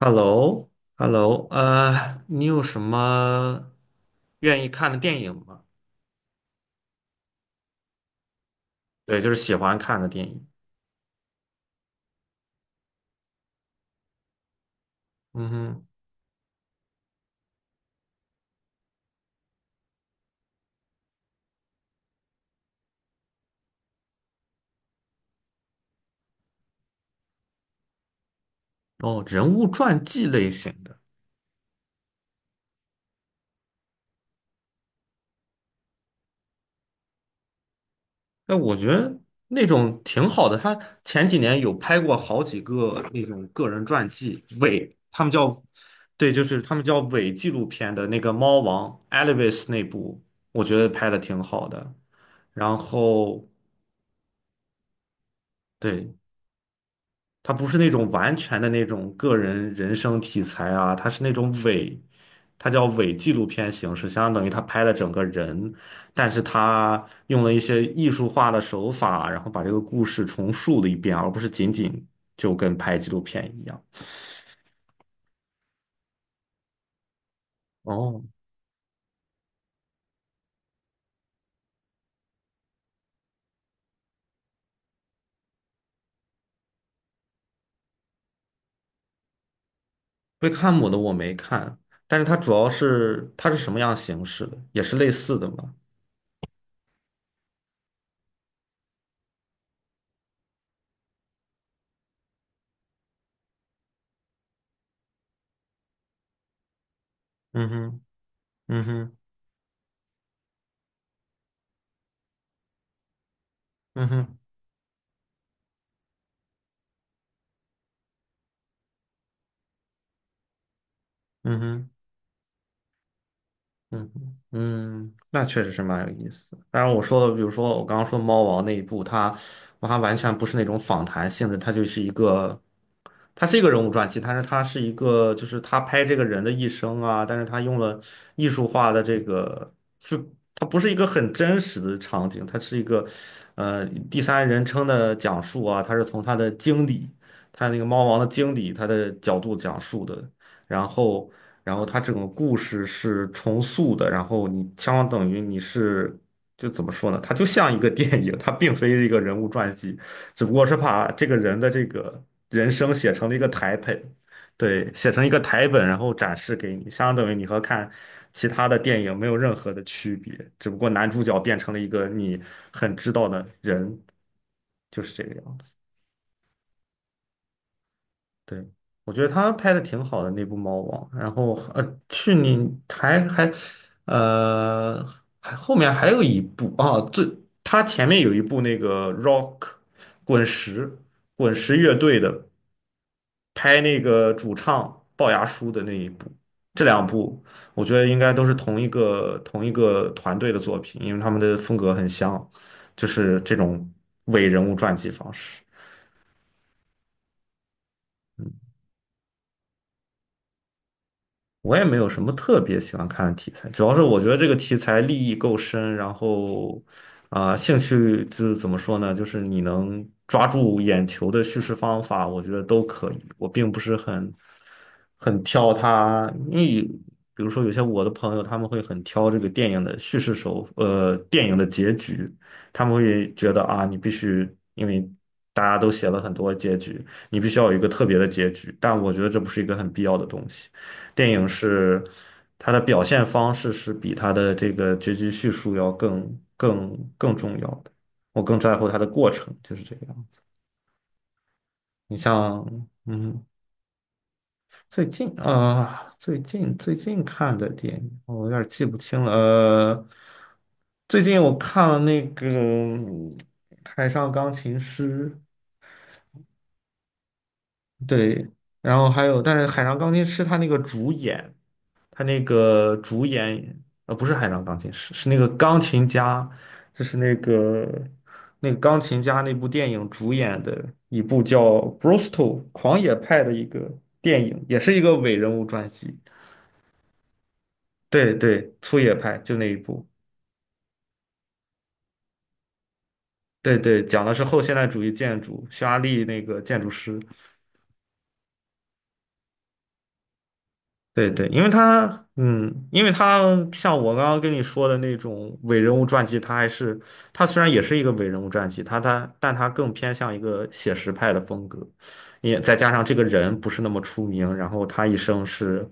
Hello，Hello，你有什么愿意看的电影吗？对，就是喜欢看的电影。嗯哼，哦，人物传记类型的，哎，我觉得那种挺好的。他前几年有拍过好几个那种个人传记，伪，他们叫，对，就是他们叫伪纪录片的那个《猫王》Elvis 那部，我觉得拍的挺好的。然后，对。它不是那种完全的那种个人人生题材啊，它是那种伪，它叫伪纪录片形式，相当于他拍了整个人，但是他用了一些艺术化的手法，然后把这个故事重述了一遍，而不是仅仅就跟拍纪录片一样。哦，贝克汉姆的我没看，但是它主要是它是什么样形式的，也是类似的嘛。嗯哼，嗯哼，嗯哼，嗯哼。嗯哼嗯，那确实是蛮有意思的。当然，我说的，比如说我刚刚说猫王那一部，我还完全不是那种访谈性质，它是一个人物传记，但是它是一个，就是他拍这个人的一生啊，但是他用了艺术化的这个，是它不是一个很真实的场景，它是一个呃第三人称的讲述啊，它是从他的经理，他那个猫王的经理他的角度讲述的。然后然后它整个故事是重塑的，然后你相当等于你是就怎么说呢？它就像一个电影，它并非是一个人物传记，只不过是把这个人的这个人生写成了一个台本，对，写成一个台本，然后展示给你，相当等于你和看其他的电影没有任何的区别，只不过男主角变成了一个你很知道的人，就是这个样子。对，我觉得他拍的挺好的那部《猫王》，然后去年呃还后面还有一部啊，他前面有一部那个 Rock 滚石滚石乐队的拍那个主唱龅牙叔的那一部，这两部我觉得应该都是同一个团队的作品，因为他们的风格很像，就是这种伪人物传记方式。我也没有什么特别喜欢看的题材，主要是我觉得这个题材立意够深，然后啊、兴趣就是怎么说呢，就是你能抓住眼球的叙事方法，我觉得都可以。我并不是很挑它，因为比如说有些我的朋友他们会很挑这个电影的叙事手，呃，电影的结局，他们会觉得啊，你必须因为。大家都写了很多结局，你必须要有一个特别的结局，但我觉得这不是一个很必要的东西。电影是它的表现方式是比它的这个结局叙述要更重要的。我更在乎它的过程，就是这个样子。你像，嗯，最近啊、最近看的电影，我有点记不清了。最近我看了那个海上钢琴师》，对，然后还有，但是《海上钢琴师》他那个主演。不是海上钢琴师，是那个钢琴家，就是那个钢琴家那部电影主演的一部叫《Brostal 狂野派》的一个电影，也是一个伪人物传记。对对，粗野派就那一部。对对，讲的是后现代主义建筑，匈牙利那个建筑师。对对，因为他像我刚刚跟你说的那种伪人物传记，他虽然也是一个伪人物传记，但他更偏向一个写实派的风格，也再加上这个人不是那么出名，然后他一生是。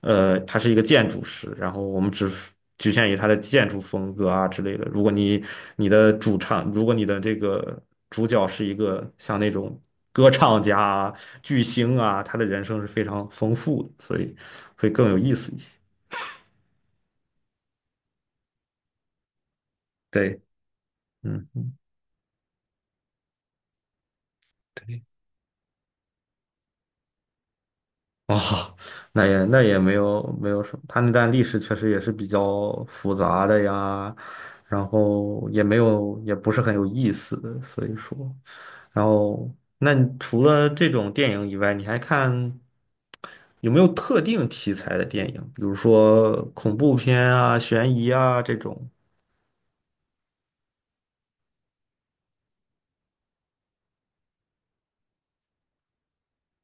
他是一个建筑师，然后我们只局限于他的建筑风格啊之类的。如果你的这个主角是一个像那种歌唱家啊巨星啊，他的人生是非常丰富的，所以会更有意思一些。对，嗯，对，哦，那也没有没有什么，他那段历史确实也是比较复杂的呀，然后也没有也不是很有意思的，所以说。然后，那你除了这种电影以外，你还看有没有特定题材的电影？比如说恐怖片啊、悬疑啊这种。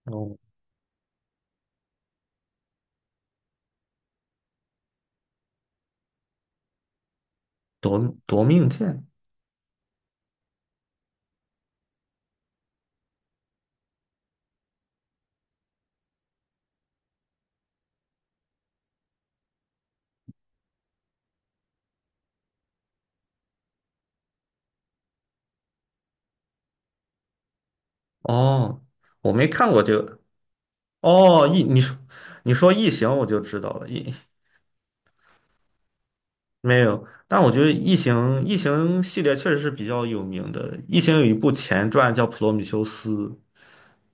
哦，夺命剑。哦，我没看过这个。哦，你说异形，我就知道了。没有，但我觉得异形系列确实是比较有名的。异形有一部前传叫《普罗米修斯》，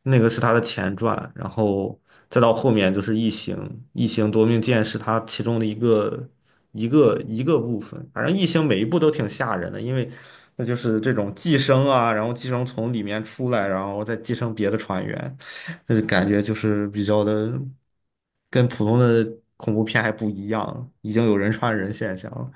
那个是它的前传，然后再到后面就是《异形》，《异形夺命剑》是它其中的一个部分。反正《异形》每一部都挺吓人的，因为那就是这种寄生啊，然后寄生从里面出来，然后再寄生别的船员，就是感觉就是比较的跟普通的恐怖片还不一样，已经有人传人现象了。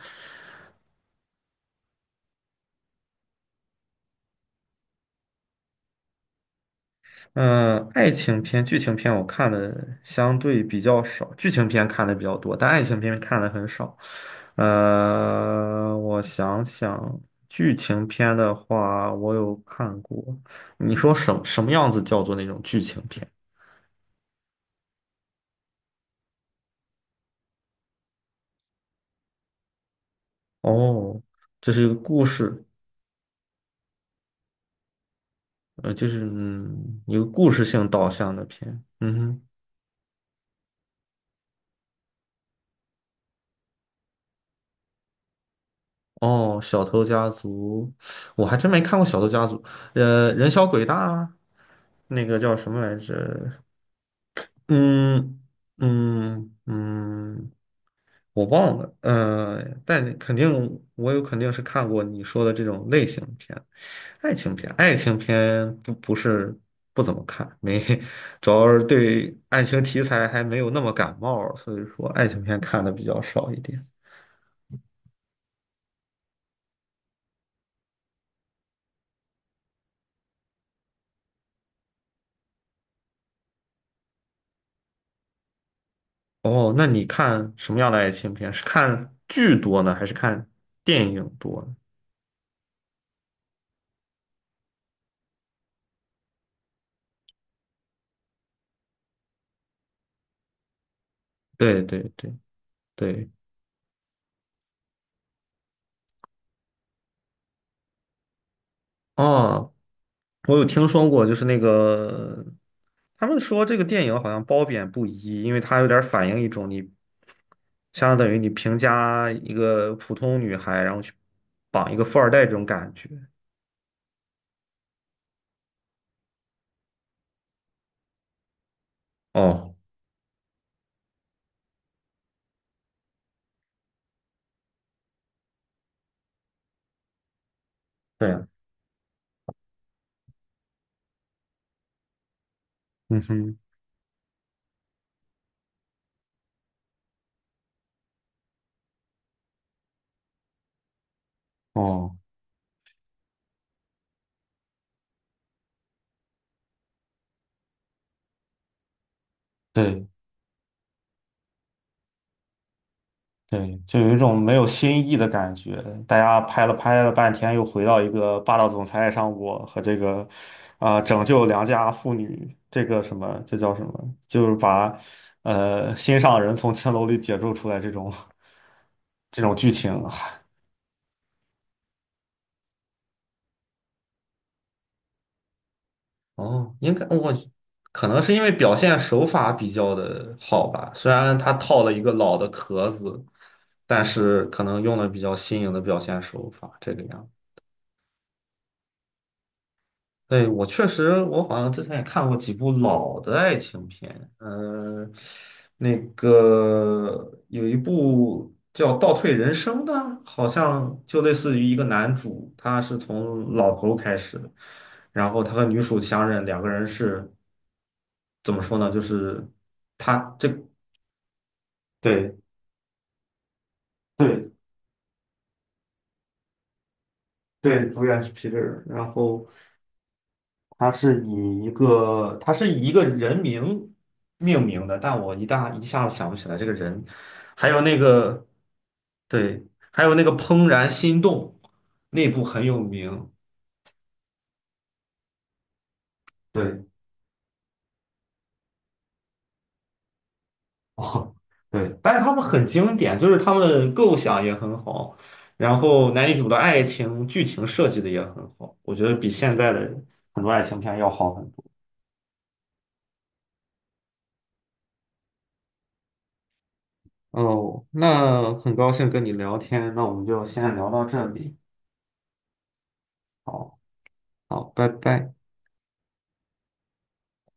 嗯，爱情片、剧情片我看的相对比较少，剧情片看的比较多，但爱情片看的很少。我想想，剧情片的话，我有看过。你说什么样子叫做那种剧情片？哦，这是一个故事，就是一个故事性导向的片。嗯哼，哦，《小偷家族》，我还真没看过《小偷家族》。《人小鬼大》啊那个叫什么来着？嗯嗯嗯，我忘了，但肯定我有肯定是看过你说的这种类型片，爱情片不是不怎么看，没，主要是对爱情题材还没有那么感冒，所以说爱情片看的比较少一点。哦，那你看什么样的爱情片？是看剧多呢，还是看电影多呢。对对对对，哦，我有听说过，就是那个。他们说这个电影好像褒贬不一，因为它有点反映一种你相当于你评价一个普通女孩，然后去绑一个富二代这种感觉。哦，对，嗯哼，哦，对，对，就有一种没有新意的感觉。大家拍了半天，又回到一个霸道总裁爱上我和这个，啊、拯救良家妇女这个什么，这叫什么？就是把，心上人从青楼里解救出来这种剧情。哦，应该我可能是因为表现手法比较的好吧，虽然他套了一个老的壳子，但是可能用了比较新颖的表现手法，这个样子对，我确实，我好像之前也看过几部老的爱情片，那个有一部叫《倒退人生》的，好像就类似于一个男主，他是从老头开始的，然后他和女主相认，两个人是怎么说呢？就是他这对对对，主演是皮特尔，然后。它是以一个人名命名的，但我一下子想不起来这个人。还有那个对，还有那个《怦然心动》，那部很有名。对，哦，对，但是他们很经典，就是他们的构想也很好，然后男女主的爱情剧情设计的也很好，我觉得比现在的很多爱情片要好很多。哦，那很高兴跟你聊天，那我们就先聊到这里。好。好，拜拜。